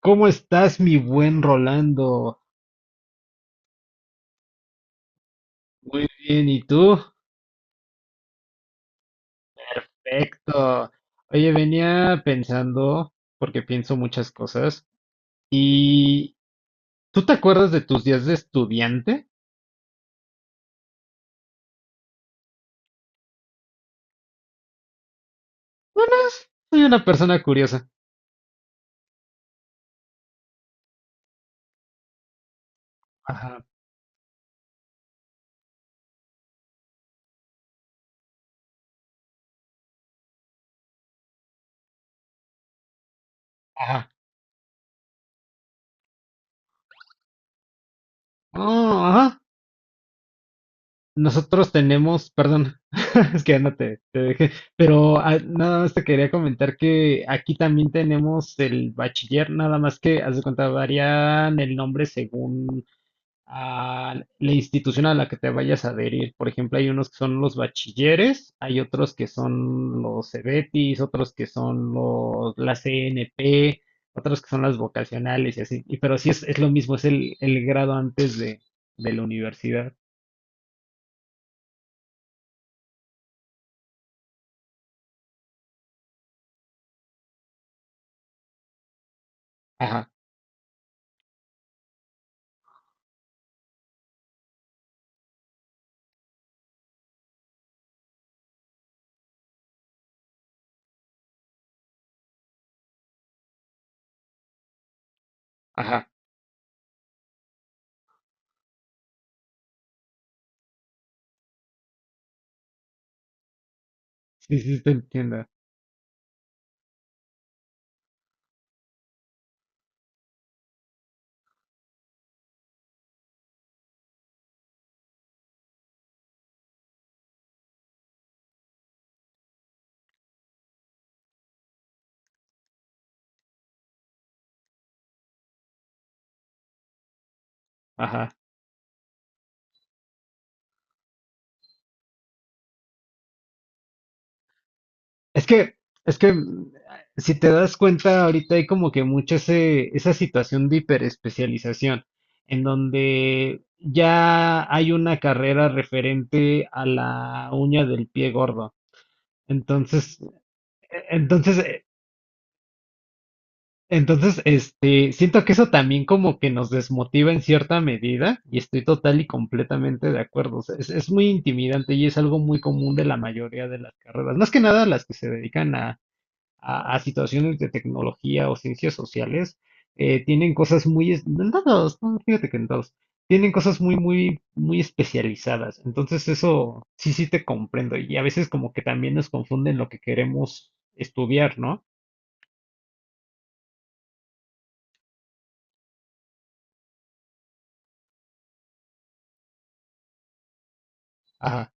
¿Cómo estás, mi buen Rolando? Muy bien, ¿y tú? Perfecto. Oye, venía pensando, porque pienso muchas cosas, y ¿tú te acuerdas de tus días de estudiante? Bueno, soy una persona curiosa. Ajá, ajá. Oh, ajá. Nosotros tenemos, perdón, es que ya no te dejé, pero ah, nada más te quería comentar que aquí también tenemos el bachiller, nada más que, haz de cuenta, varían el nombre según a la institución a la que te vayas a adherir. Por ejemplo, hay unos que son los bachilleres, hay otros que son los CEBETIS, otros que son los, la CNP, otros que son las vocacionales y así. Y, pero sí es lo mismo, es el grado antes de la universidad. Ajá, ajá. Sí, sí, te entiendo. Ajá. Es que, es que si te das cuenta, ahorita hay como que mucha ese, esa situación de hiperespecialización, en donde ya hay una carrera referente a la uña del pie gordo. Entonces, entonces, entonces, siento que eso también como que nos desmotiva en cierta medida, y estoy total y completamente de acuerdo. O sea, es muy intimidante y es algo muy común de la mayoría de las carreras, más que nada las que se dedican a situaciones de tecnología o ciencias sociales, tienen cosas muy, en todos, no, fíjate que en todos, tienen cosas muy, muy, muy especializadas. Entonces eso sí, sí te comprendo. Y a veces como que también nos confunden lo que queremos estudiar, ¿no? Ajá.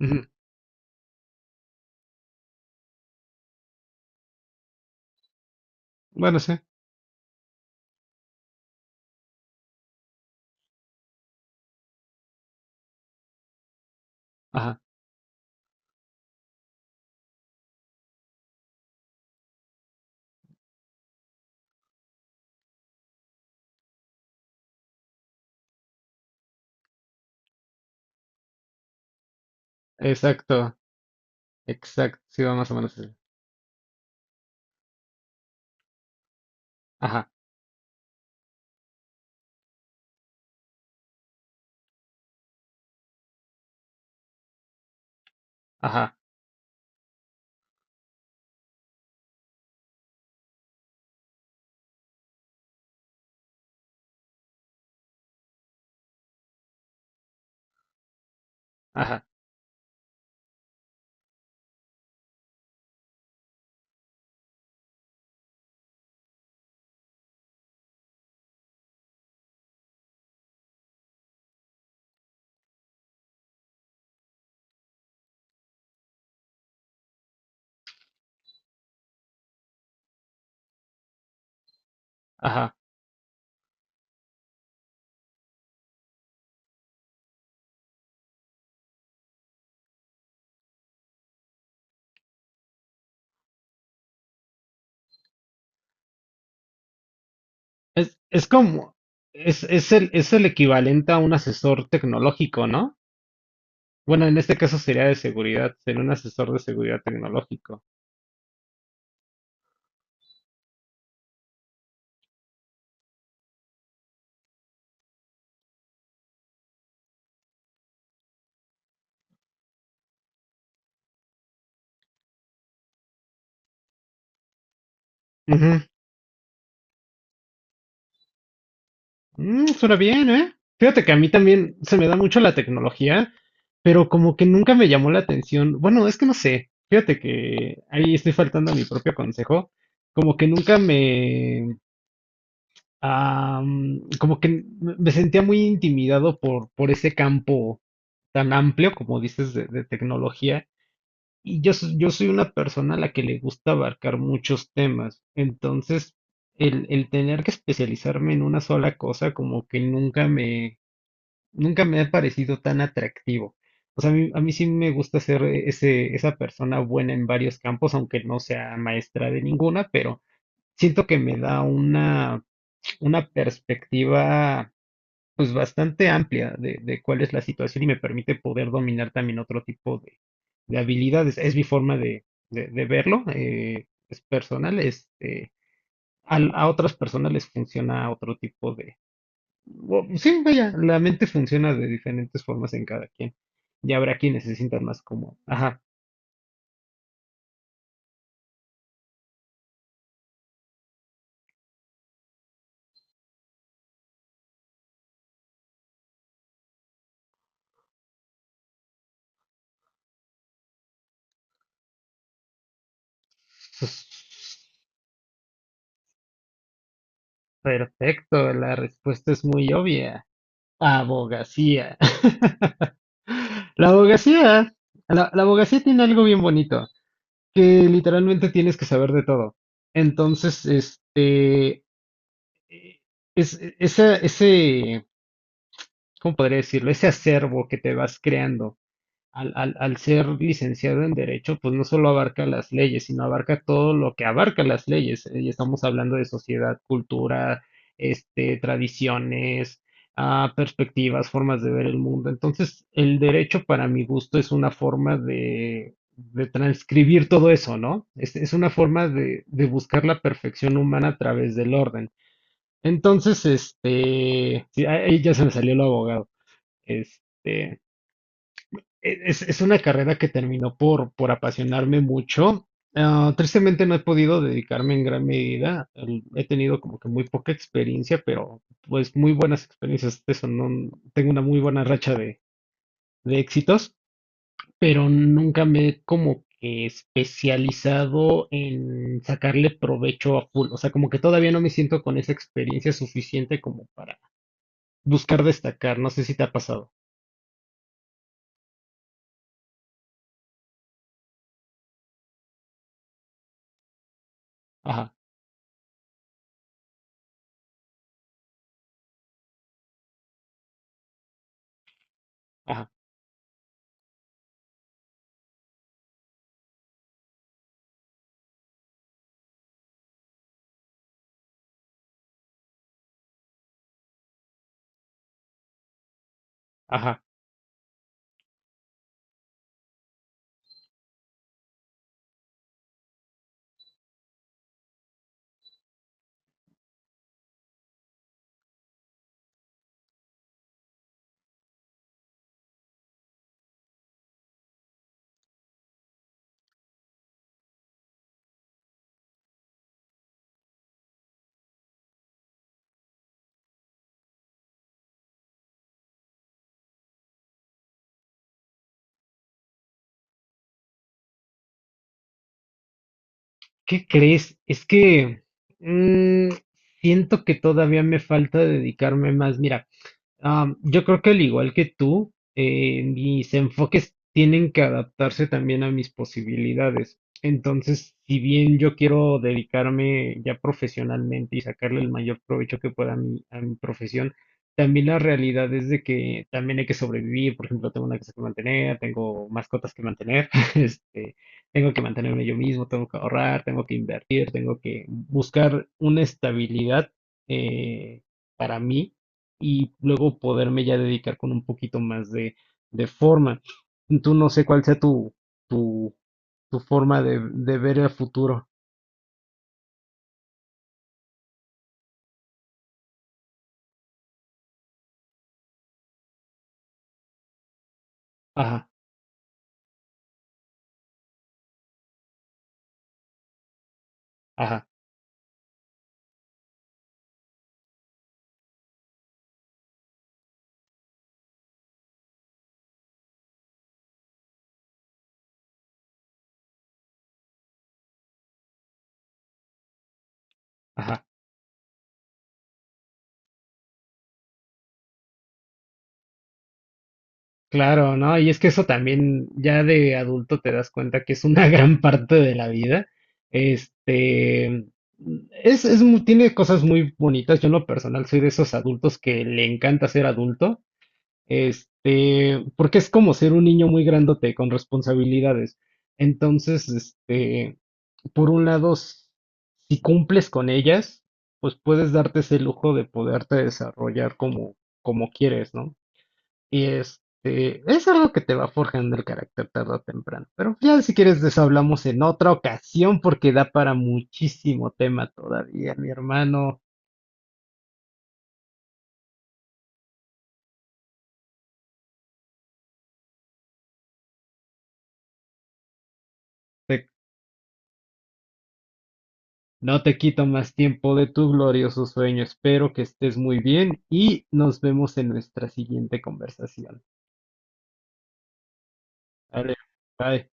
Ujú. Bueno, sí. Ajá. Exacto. Exacto. Sí, va más o menos así. Ajá. Ajá. Ajá. Ajá. Es como, es el equivalente a un asesor tecnológico, ¿no? Bueno, en este caso sería de seguridad, ser un asesor de seguridad tecnológico. Ujú. Mm, suena bien, ¿eh? Fíjate que a mí también se me da mucho la tecnología, pero como que nunca me llamó la atención. Bueno, es que no sé. Fíjate que ahí estoy faltando a mi propio consejo. Como que nunca me... como que me sentía muy intimidado por ese campo tan amplio, como dices, de tecnología. Y yo, yo soy una persona a la que le gusta abarcar muchos temas, entonces el tener que especializarme en una sola cosa como que nunca me, nunca me ha parecido tan atractivo. O sea, a mí sí me gusta ser ese, esa persona buena en varios campos, aunque no sea maestra de ninguna, pero siento que me da una perspectiva pues bastante amplia de cuál es la situación y me permite poder dominar también otro tipo de habilidades. Es mi forma de, de verlo, es personal, a, otras personas les funciona otro tipo de... sí, vaya, la mente funciona de diferentes formas en cada quien. Y habrá quienes se sientan más como, ajá, pues, perfecto, la respuesta es muy obvia. Abogacía. La abogacía, la abogacía tiene algo bien bonito. Que literalmente tienes que saber de todo. Entonces, eh, es, ese, ¿cómo podría decirlo? Ese acervo que te vas creando al, al ser licenciado en Derecho, pues no solo abarca las leyes, sino abarca todo lo que abarca las leyes. Y estamos hablando de sociedad, cultura, tradiciones, perspectivas, formas de ver el mundo. Entonces, el derecho, para mi gusto, es una forma de transcribir todo eso, ¿no? Es una forma de buscar la perfección humana a través del orden. Entonces, sí, ahí ya se me salió lo abogado. Este, es una carrera que terminó por apasionarme mucho. Tristemente no he podido dedicarme en gran medida. He tenido como que muy poca experiencia, pero pues muy buenas experiencias. Eso, no, tengo una muy buena racha de éxitos, pero nunca me he como que especializado en sacarle provecho a full. O sea, como que todavía no me siento con esa experiencia suficiente como para buscar destacar. No sé si te ha pasado. Ajá, ajá, ajá. ¿Qué crees? Es que mm, siento que todavía me falta dedicarme más. Mira, yo creo que al igual que tú, mis enfoques tienen que adaptarse también a mis posibilidades. Entonces, si bien yo quiero dedicarme ya profesionalmente y sacarle el mayor provecho que pueda a mi profesión, también la realidad es de que también hay que sobrevivir. Por ejemplo, tengo una casa que mantener, tengo mascotas que mantener, este, tengo que mantenerme yo mismo, tengo que ahorrar, tengo que invertir, tengo que buscar una estabilidad eh, para mí y luego poderme ya dedicar con un poquito más de forma. Tú no sé cuál sea tu, tu, tu forma de ver el futuro. Ajá, ajá, ajá. Claro, ¿no? Y es que eso también ya de adulto te das cuenta que es una gran parte de la vida. Este, es, tiene cosas muy bonitas. Yo en lo personal soy de esos adultos que le encanta ser adulto. Este, porque es como ser un niño muy grandote con responsabilidades. Entonces, por un lado, si cumples con ellas, pues puedes darte ese lujo de poderte desarrollar como, como quieres, ¿no? Y este, es algo que te va forjando el carácter tarde o temprano. Pero ya si quieres deshablamos en otra ocasión porque da para muchísimo tema todavía, mi hermano. No te quito más tiempo de tu glorioso sueño. Espero que estés muy bien y nos vemos en nuestra siguiente conversación. Vale, bye.